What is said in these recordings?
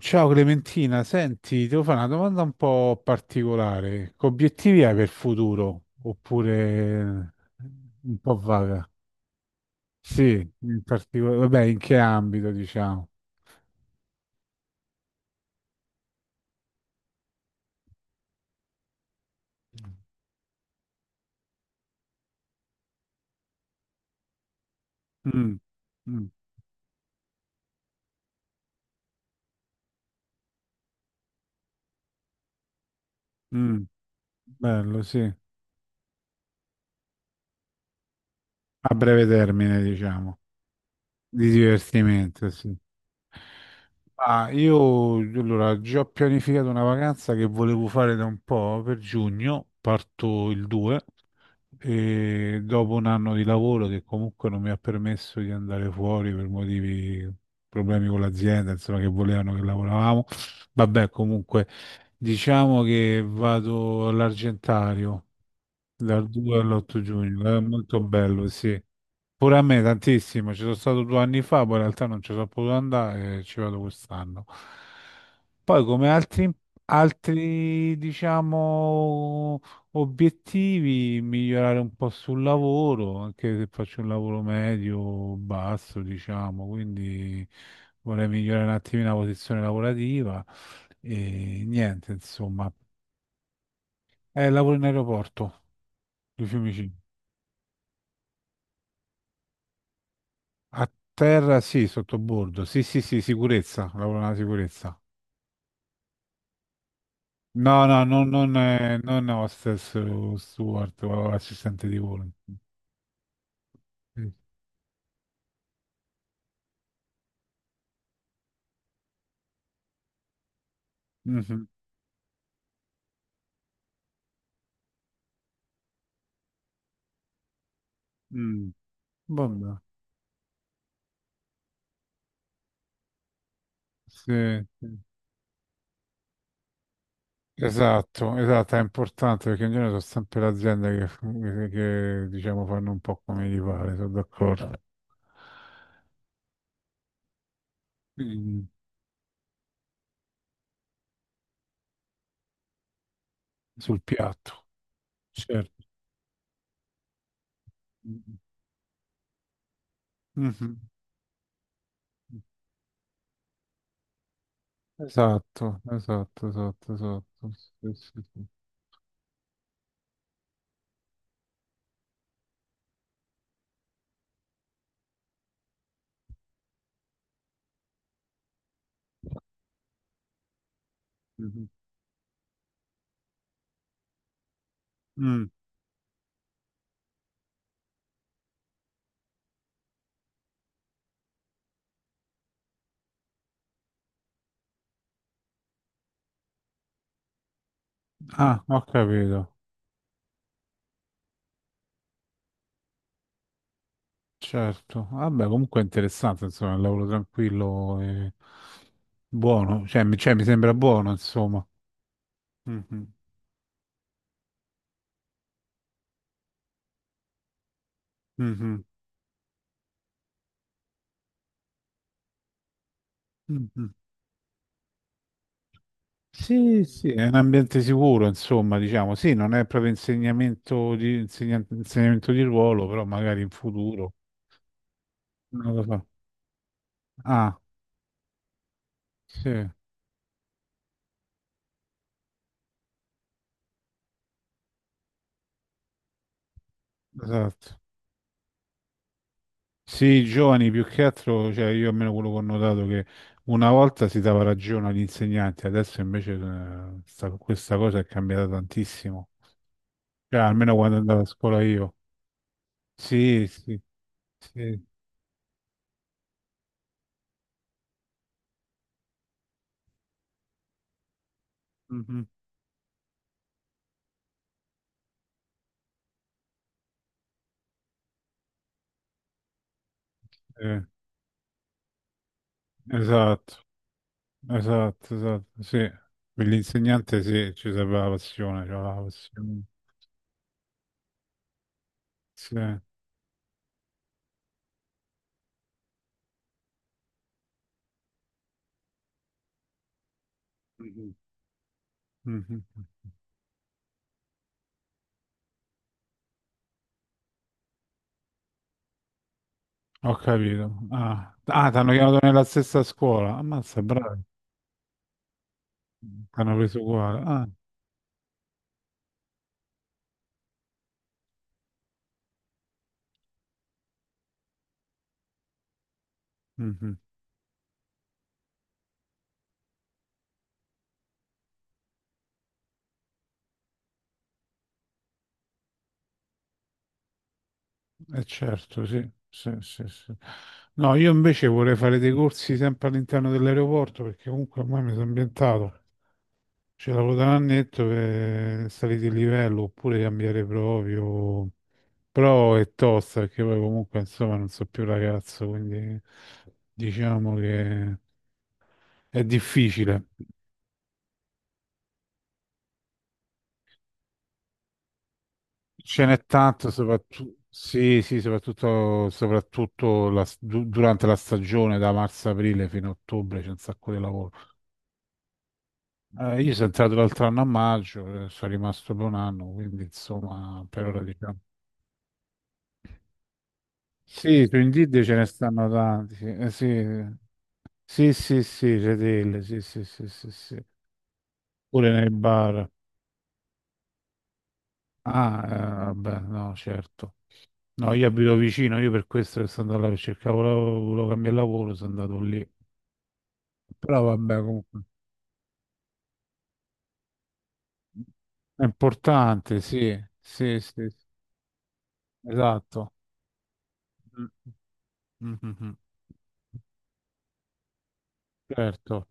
Ciao Clementina, senti, ti devo fare una domanda un po' particolare. Che obiettivi hai per il futuro? Oppure un po' vaga? Sì, in particolare, vabbè, in che ambito, diciamo? Mm, mm, mm, bello, sì. A breve termine, diciamo, di divertimento, sì. Ah, io allora già ho pianificato una vacanza che volevo fare da un po' per giugno, parto il 2 e dopo un anno di lavoro che comunque non mi ha permesso di andare fuori per motivi, problemi con l'azienda, insomma che volevano che lavoravamo. Vabbè, comunque diciamo che vado all'Argentario dal 2 all'8 giugno, è molto bello, sì. Pure a me tantissimo, ci sono stato due anni fa, poi in realtà non ci sono potuto andare, e ci vado quest'anno. Poi come altri, diciamo, obiettivi, migliorare un po' sul lavoro, anche se faccio un lavoro medio, o basso, diciamo, quindi vorrei migliorare un attimino la posizione lavorativa e niente, insomma. Lavoro in aeroporto di Fiumicino. A terra sì, sottobordo. Sì, sì, sì, sicurezza, lavoro nella sicurezza. No, no, non hostess o steward o assistente di volo. Sì. Mhm. Mm. Vabbè. Sì, sì. Esatto, esatto, è importante perché in genere sono sempre le aziende che diciamo fanno un po' come gli pare, sono d'accordo. Mm. Sul piatto, certo. Mhm. Esatto, esatto, esatto, esatto. Sì, sì, sì. Mhm. Mm. Ah, ho capito, certo. Vabbè, comunque è interessante, insomma, è un lavoro tranquillo e buono, cioè, mi sembra buono, insomma. Mhm, mhm, mhm. Sì, sì, è un ambiente sicuro, insomma, diciamo, sì, non è proprio insegnamento di ruolo, però magari in futuro. Non lo so. Ah, sì, esatto. Sì, i giovani più che altro, cioè io almeno quello che ho notato che una volta si dava ragione agli insegnanti, adesso invece questa cosa è cambiata tantissimo. Cioè, almeno quando andavo a scuola io. Sì, sì, sì. Mhm. Eh, esatto, esatto, esatto, sì. Per l'insegnante sì, ci serve la passione, cioè la passione. Sì. Mhm. Mhm. Ho capito. Ah, ah ti hanno chiamato nella stessa scuola. Ammazza, bravo, ti hanno preso uguale. Ah. Mhm. Eh certo, sì, sì, sì, sì. No, io invece vorrei fare dei corsi sempre all'interno dell'aeroporto perché comunque ormai mi sono ambientato. Ce l'avevo da un annetto per salire di livello oppure cambiare proprio. Però è tosta perché poi comunque insomma non so più ragazzo, quindi diciamo che è difficile. Ce n'è tanto, soprattutto, sì, sì, soprattutto, soprattutto durante la stagione da marzo-aprile fino a ottobre c'è un sacco di lavoro. Io sono entrato l'altro anno a maggio, sono rimasto per un anno, quindi insomma, per ora diciamo. Sì, su Indeed ce ne stanno tanti. Sì, sì, sì, sì, sì, Redel, sì, sì, sì, sì, sì. Pure nei bar. Ah, vabbè, no, certo. No, io abito vicino, io per questo che sono andato là, perché cercavo lavoro, volevo cambiare lavoro, sono andato lì. Però vabbè, comunque, è importante, sì, sì, sì, sì, esatto. Mm, mm, mm, mm. Certo.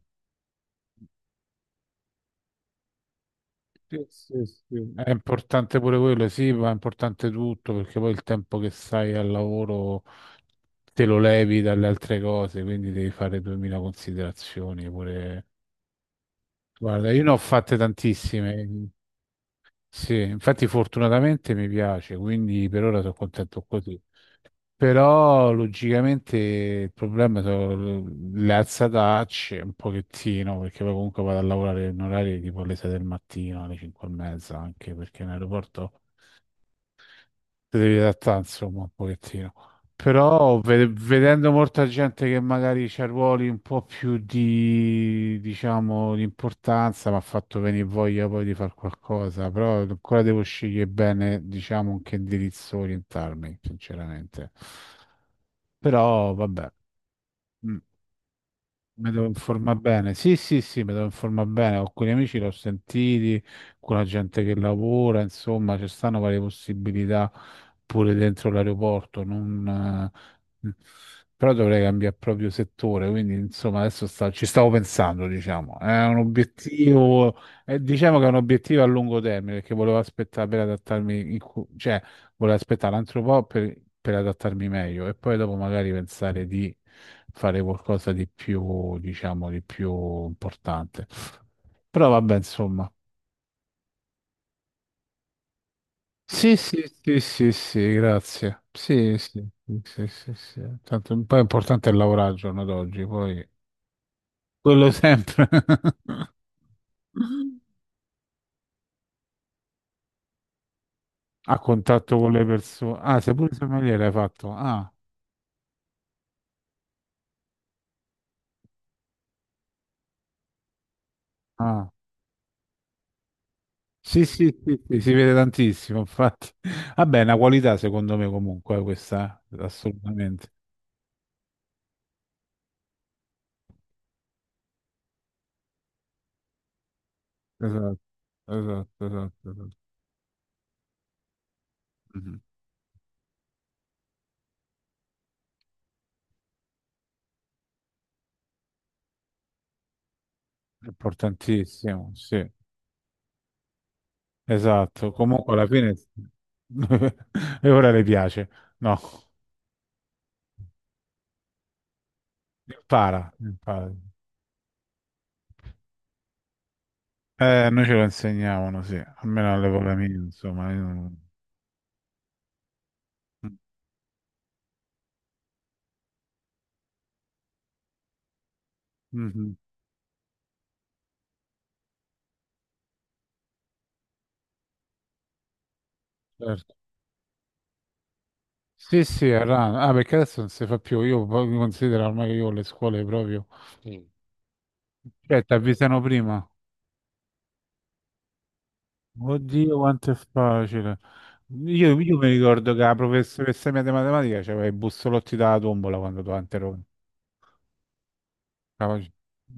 Sì, sì, sì. È importante pure quello, sì, ma è importante tutto perché poi il tempo che stai al lavoro te lo levi dalle altre cose, quindi devi fare 2000 considerazioni pure. Guarda, io ne ho fatte tantissime, sì, infatti fortunatamente mi piace, quindi per ora sono contento così. Però logicamente il problema sono le alzatacce un pochettino, perché poi comunque vado a lavorare in orari tipo alle 6 del mattino, alle 5 e mezza, anche perché in aeroporto ti devi adattare insomma un pochettino. Però vedendo molta gente che magari c'ha ruoli un po' più di, diciamo, di importanza, mi ha fatto venire voglia poi di fare qualcosa, però ancora devo scegliere bene, diciamo, in che indirizzo orientarmi, sinceramente. Però vabbè, mm, mi devo informare bene. Sì, sì, sì, mi devo informare bene. Con alcuni amici che l'ho sentiti, con la gente che lavora, insomma, ci stanno varie possibilità pure dentro l'aeroporto. Non, Mm. Però dovrei cambiare proprio settore, quindi insomma adesso ci stavo pensando, diciamo. È un obiettivo, diciamo che è un obiettivo a lungo termine, perché volevo aspettare per adattarmi, cioè volevo aspettare un altro po' per adattarmi meglio e poi dopo magari pensare di fare qualcosa di più, diciamo, di più importante. Però vabbè, insomma. Sì, sì, sì, sì, sì, grazie. Sì, sì, sì, sì, sì, sì. Tanto, poi è importante il lavorare al giorno d'oggi, poi... Quello sempre. A contatto con le persone. Ah, sei pure sommeliere hai fatto. Ah, ah. Sì, sì, sì, sì, si vede tantissimo, infatti. Vabbè, è una qualità secondo me comunque questa, assolutamente. Esatto, esatto, esatto. Esatto. Mhm. Importantissimo, sì. Esatto, comunque alla fine... E ora le piace. No, impara, impara. Noi ce lo insegnavano, sì, almeno all'epoca mia, insomma. Io non- Mhm, certo. Sì, sì, a rana. Ah, perché adesso non si fa più. Io poi considero ormai che io le scuole proprio. Mm. Cioè, ti avvisano prima. Oddio, quanto è facile. Io mi ricordo che la professoressa mia di matematica c'aveva i bussolotti dalla tombola quando tu interrogavi.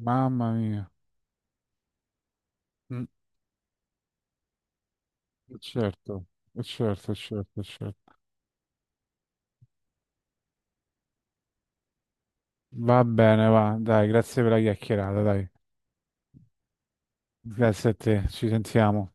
Mamma mia. Mm, Certo, certo, certo, certo. Va bene, va. Dai, grazie per la chiacchierata, dai. Grazie a te, ci sentiamo.